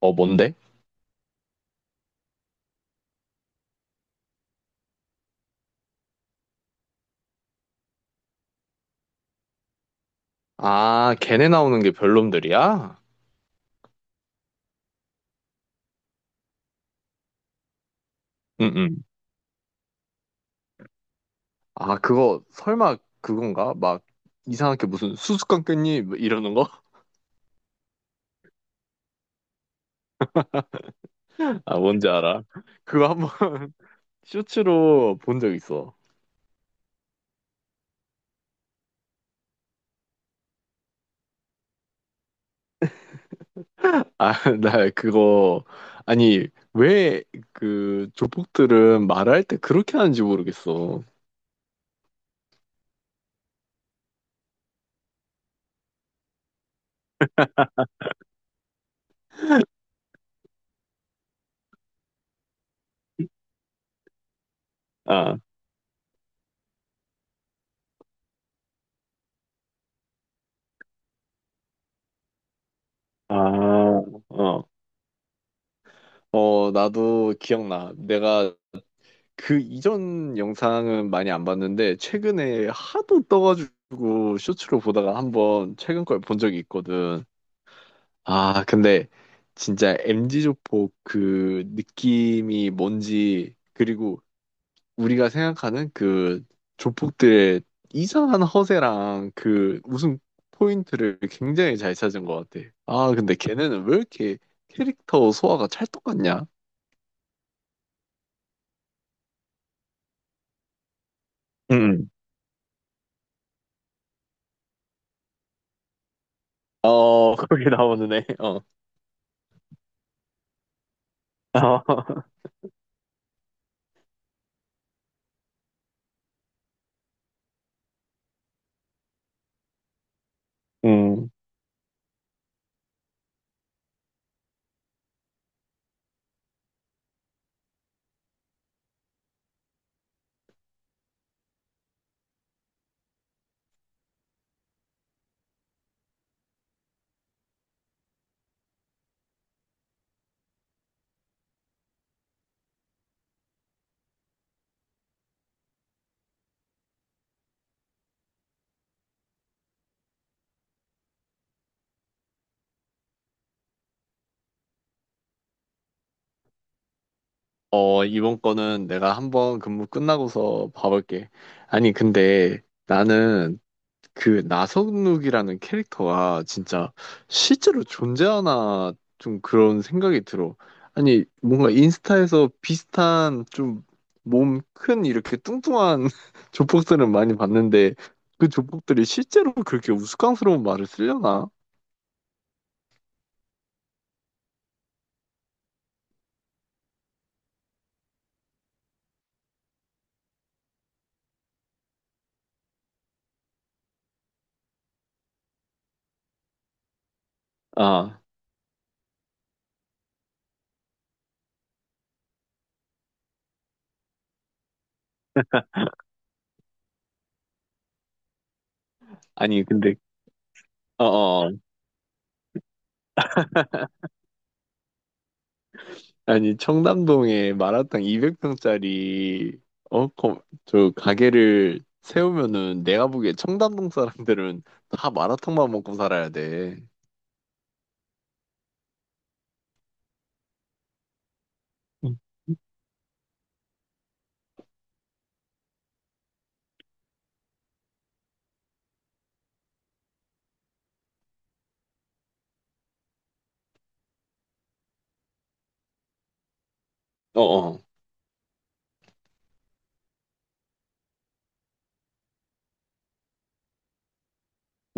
어, 뭔데? 아, 걔네 나오는 게 별놈들이야? 응응. 아, 그거 설마 그건가? 막 이상하게 무슨 수수깡 깻잎 뭐 이러는 거? 아, 뭔지 알아. 그거 한번 쇼츠로 본 적 있어. 아, 나 그거 아니 왜 그 조폭들은 말할 때 그렇게 하는지 모르겠어. 아, 어, 나도 기억나. 내가 그 이전 영상은 많이 안 봤는데 최근에 하도 떠가지고 쇼츠로 보다가 한번 최근 걸 본 적이 있거든. 아, 근데 진짜 MG 조폭 그 느낌이 뭔지, 그리고 우리가 생각하는 그 조폭들의 이상한 허세랑 그 웃음 포인트를 굉장히 잘 찾은 것 같아. 아, 근데 걔네는 왜 이렇게 캐릭터 소화가 찰떡 같냐? 음. 어, 거기 나오는 애. 어. 어. 음. 어, 이번 거는 내가 한번 근무 끝나고서 봐볼게. 아니, 근데 나는 그 나성욱이라는 캐릭터가 진짜 실제로 존재하나 좀 그런 생각이 들어. 아니, 뭔가 인스타에서 비슷한 좀 몸 큰 이렇게 뚱뚱한 조폭들은 많이 봤는데 그 조폭들이 실제로 그렇게 우스꽝스러운 말을 쓰려나? 아, 아니, 근데, 어어. 아니, 청담동에 마라탕 200평짜리, 가게를 세우면은 내가 보기에 청담동 사람들은 다 마라탕만 먹고 살아야 돼. 음, 어, 어.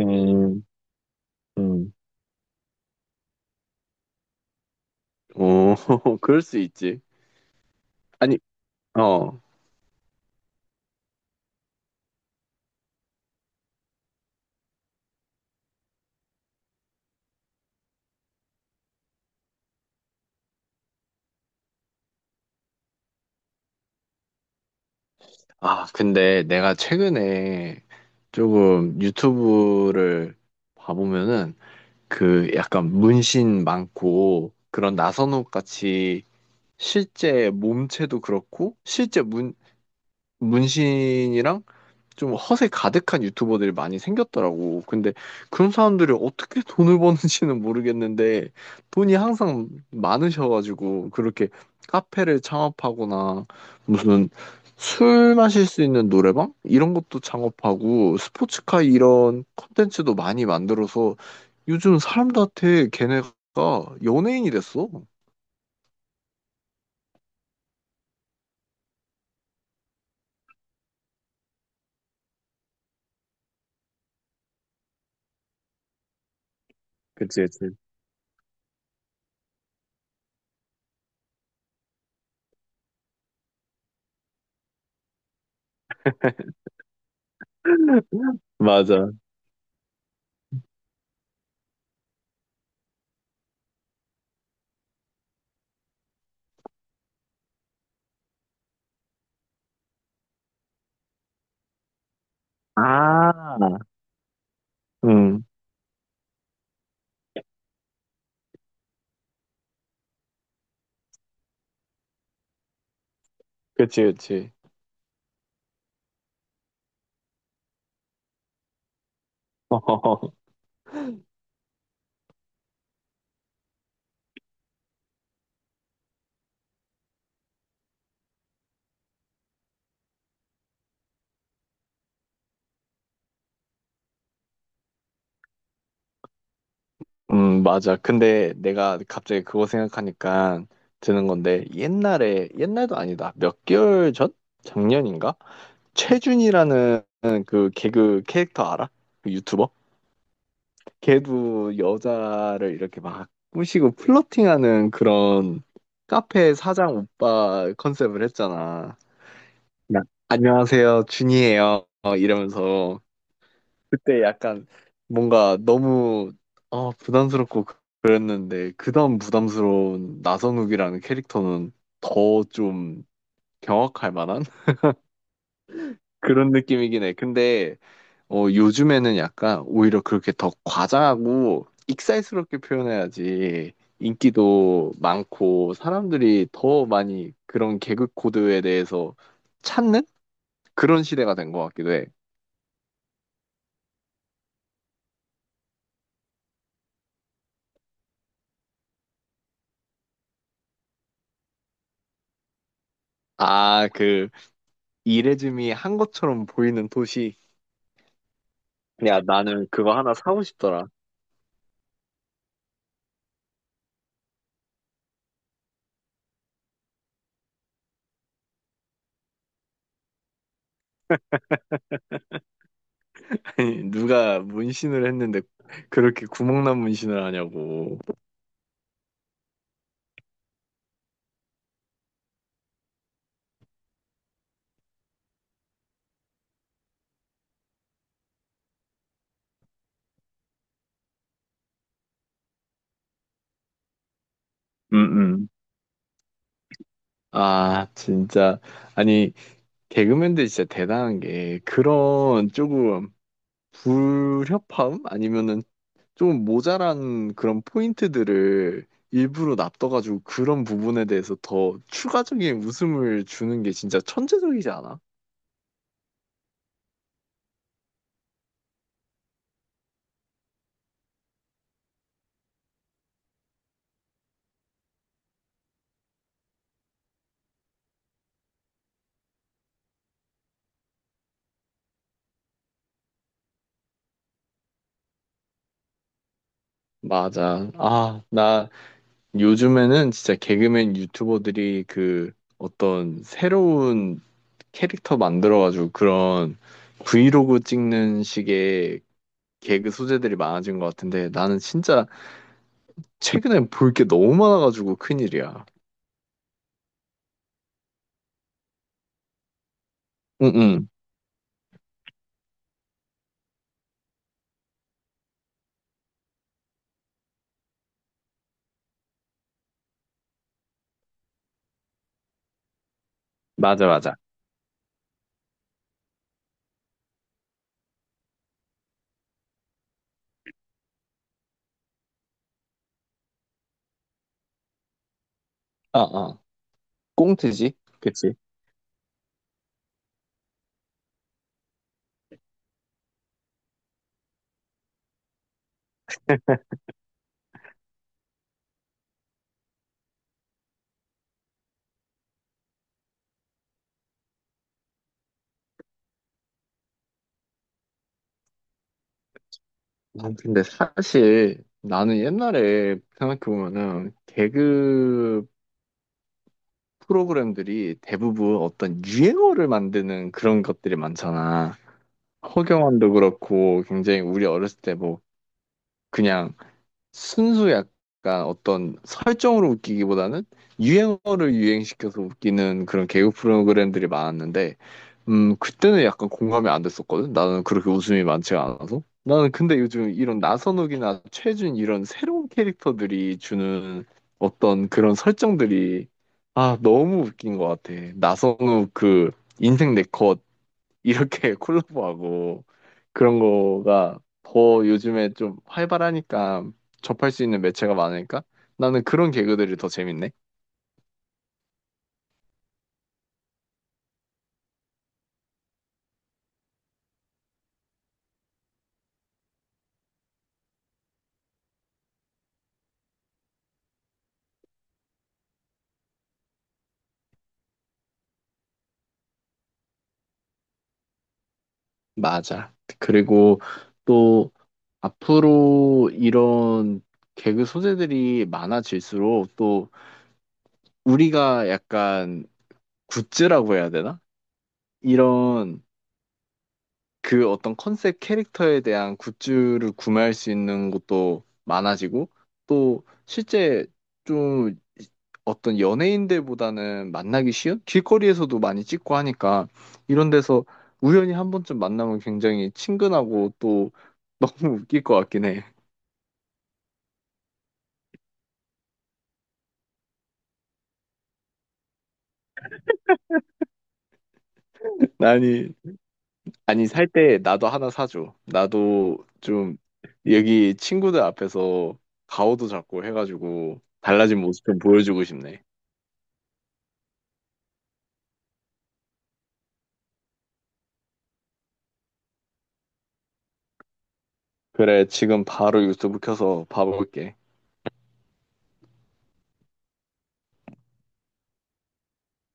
음, 음, 어, 그럴 수 있지. 아니, 어. 아, 근데 내가 최근에 조금 유튜브를 봐보면은 그 약간 문신 많고 그런 나선호 같이 실제 몸체도 그렇고 실제 문 문신이랑 좀 허세 가득한 유튜버들이 많이 생겼더라고. 근데 그런 사람들이 어떻게 돈을 버는지는 모르겠는데 돈이 항상 많으셔가지고 그렇게 카페를 창업하거나 무슨 술 마실 수 있는 노래방 이런 것도 창업하고 스포츠카 이런 콘텐츠도 많이 만들어서 요즘 사람들한테 걔네가 연예인이 됐어. 그치, 그치. 맞아. 아, 음, 그치, 그치. 맞아. 근데 내가 갑자기 그거 생각하니까 드는 건데, 옛날에, 옛날도 아니다. 몇 개월 전? 작년인가? 최준이라는 그 개그 캐릭터 알아? 그 유튜버? 걔도 여자를 이렇게 막 꼬시고 플러팅하는 그런 카페 사장 오빠 컨셉을 했잖아. 나- 안녕하세요, 준이에요. 어, 이러면서. 그때 약간 뭔가 너무 부담스럽고 그랬는데 그다음 부담스러운 나선욱이라는 캐릭터는 더 좀 경악할 만한 그런 느낌이긴 해. 근데 요즘에는 약간 오히려 그렇게 더 과장하고 익살스럽게 표현해야지 인기도 많고 사람들이 더 많이 그런 개그 코드에 대해서 찾는 그런 시대가 된 것 같기도 해. 아, 그 이레즈미 한 것처럼 보이는. 야, 나는 그거 하나 사고 싶더라. 아니, 누가 문신을 했는데 그렇게 구멍난 문신을 하냐고. 응응. 아, 진짜. 아니, 개그맨들 진짜 대단한 게 그런 조금 불협화음? 아니면은 좀 모자란 그런 포인트들을 일부러 놔둬가지고 그런 부분에 대해서 더 추가적인 웃음을 주는 게 진짜 천재적이지 않아? 맞아. 아, 나 요즘에는 진짜 개그맨 유튜버들이 그 어떤 새로운 캐릭터 만들어가지고 그런 브이로그 찍는 식의 개그 소재들이 많아진 것 같은데 나는 진짜 최근에 볼 게 너무 많아가지고 큰일이야. 응응. 맞아, 맞아. 아, 아. 꽁트지? 그치? 난 근데 사실 나는 옛날에 생각해보면은 개그 프로그램들이 대부분 어떤 유행어를 만드는 그런 것들이 많잖아. 허경환도 그렇고 굉장히 우리 어렸을 때 뭐 그냥 순수 약간 어떤 설정으로 웃기기보다는 유행어를 유행시켜서 웃기는 그런 개그 프로그램들이 많았는데 그때는 약간 공감이 안 됐었거든. 나는 그렇게 웃음이 많지가 않아서. 나는 근데 요즘 이런 나선욱이나 최준 이런 새로운 캐릭터들이 주는 어떤 그런 설정들이 아 너무 웃긴 것 같아. 나선욱 그 인생 내 컷 이렇게 콜라보하고 그런 거가 더 요즘에 좀 활발하니까 접할 수 있는 매체가 많으니까 나는 그런 개그들이 더 재밌네. 맞아. 그리고 또 앞으로 이런 개그 소재들이 많아질수록 또 우리가 약간 굿즈라고 해야 되나? 이런 그 어떤 컨셉 캐릭터에 대한 굿즈를 구매할 수 있는 곳도 많아지고 또 실제 좀 어떤 연예인들보다는 만나기 쉬운 길거리에서도 많이 찍고 하니까 이런 데서 우연히 한 번쯤 만나면 굉장히 친근하고 또 너무 웃길 것 같긴 해. 아니, 아니 살 때 나도 하나 사줘. 나도 좀 여기 친구들 앞에서 가오도 잡고 해가지고 달라진 모습 좀 보여주고 싶네. 그래, 지금 바로 유튜브 켜서 봐볼게.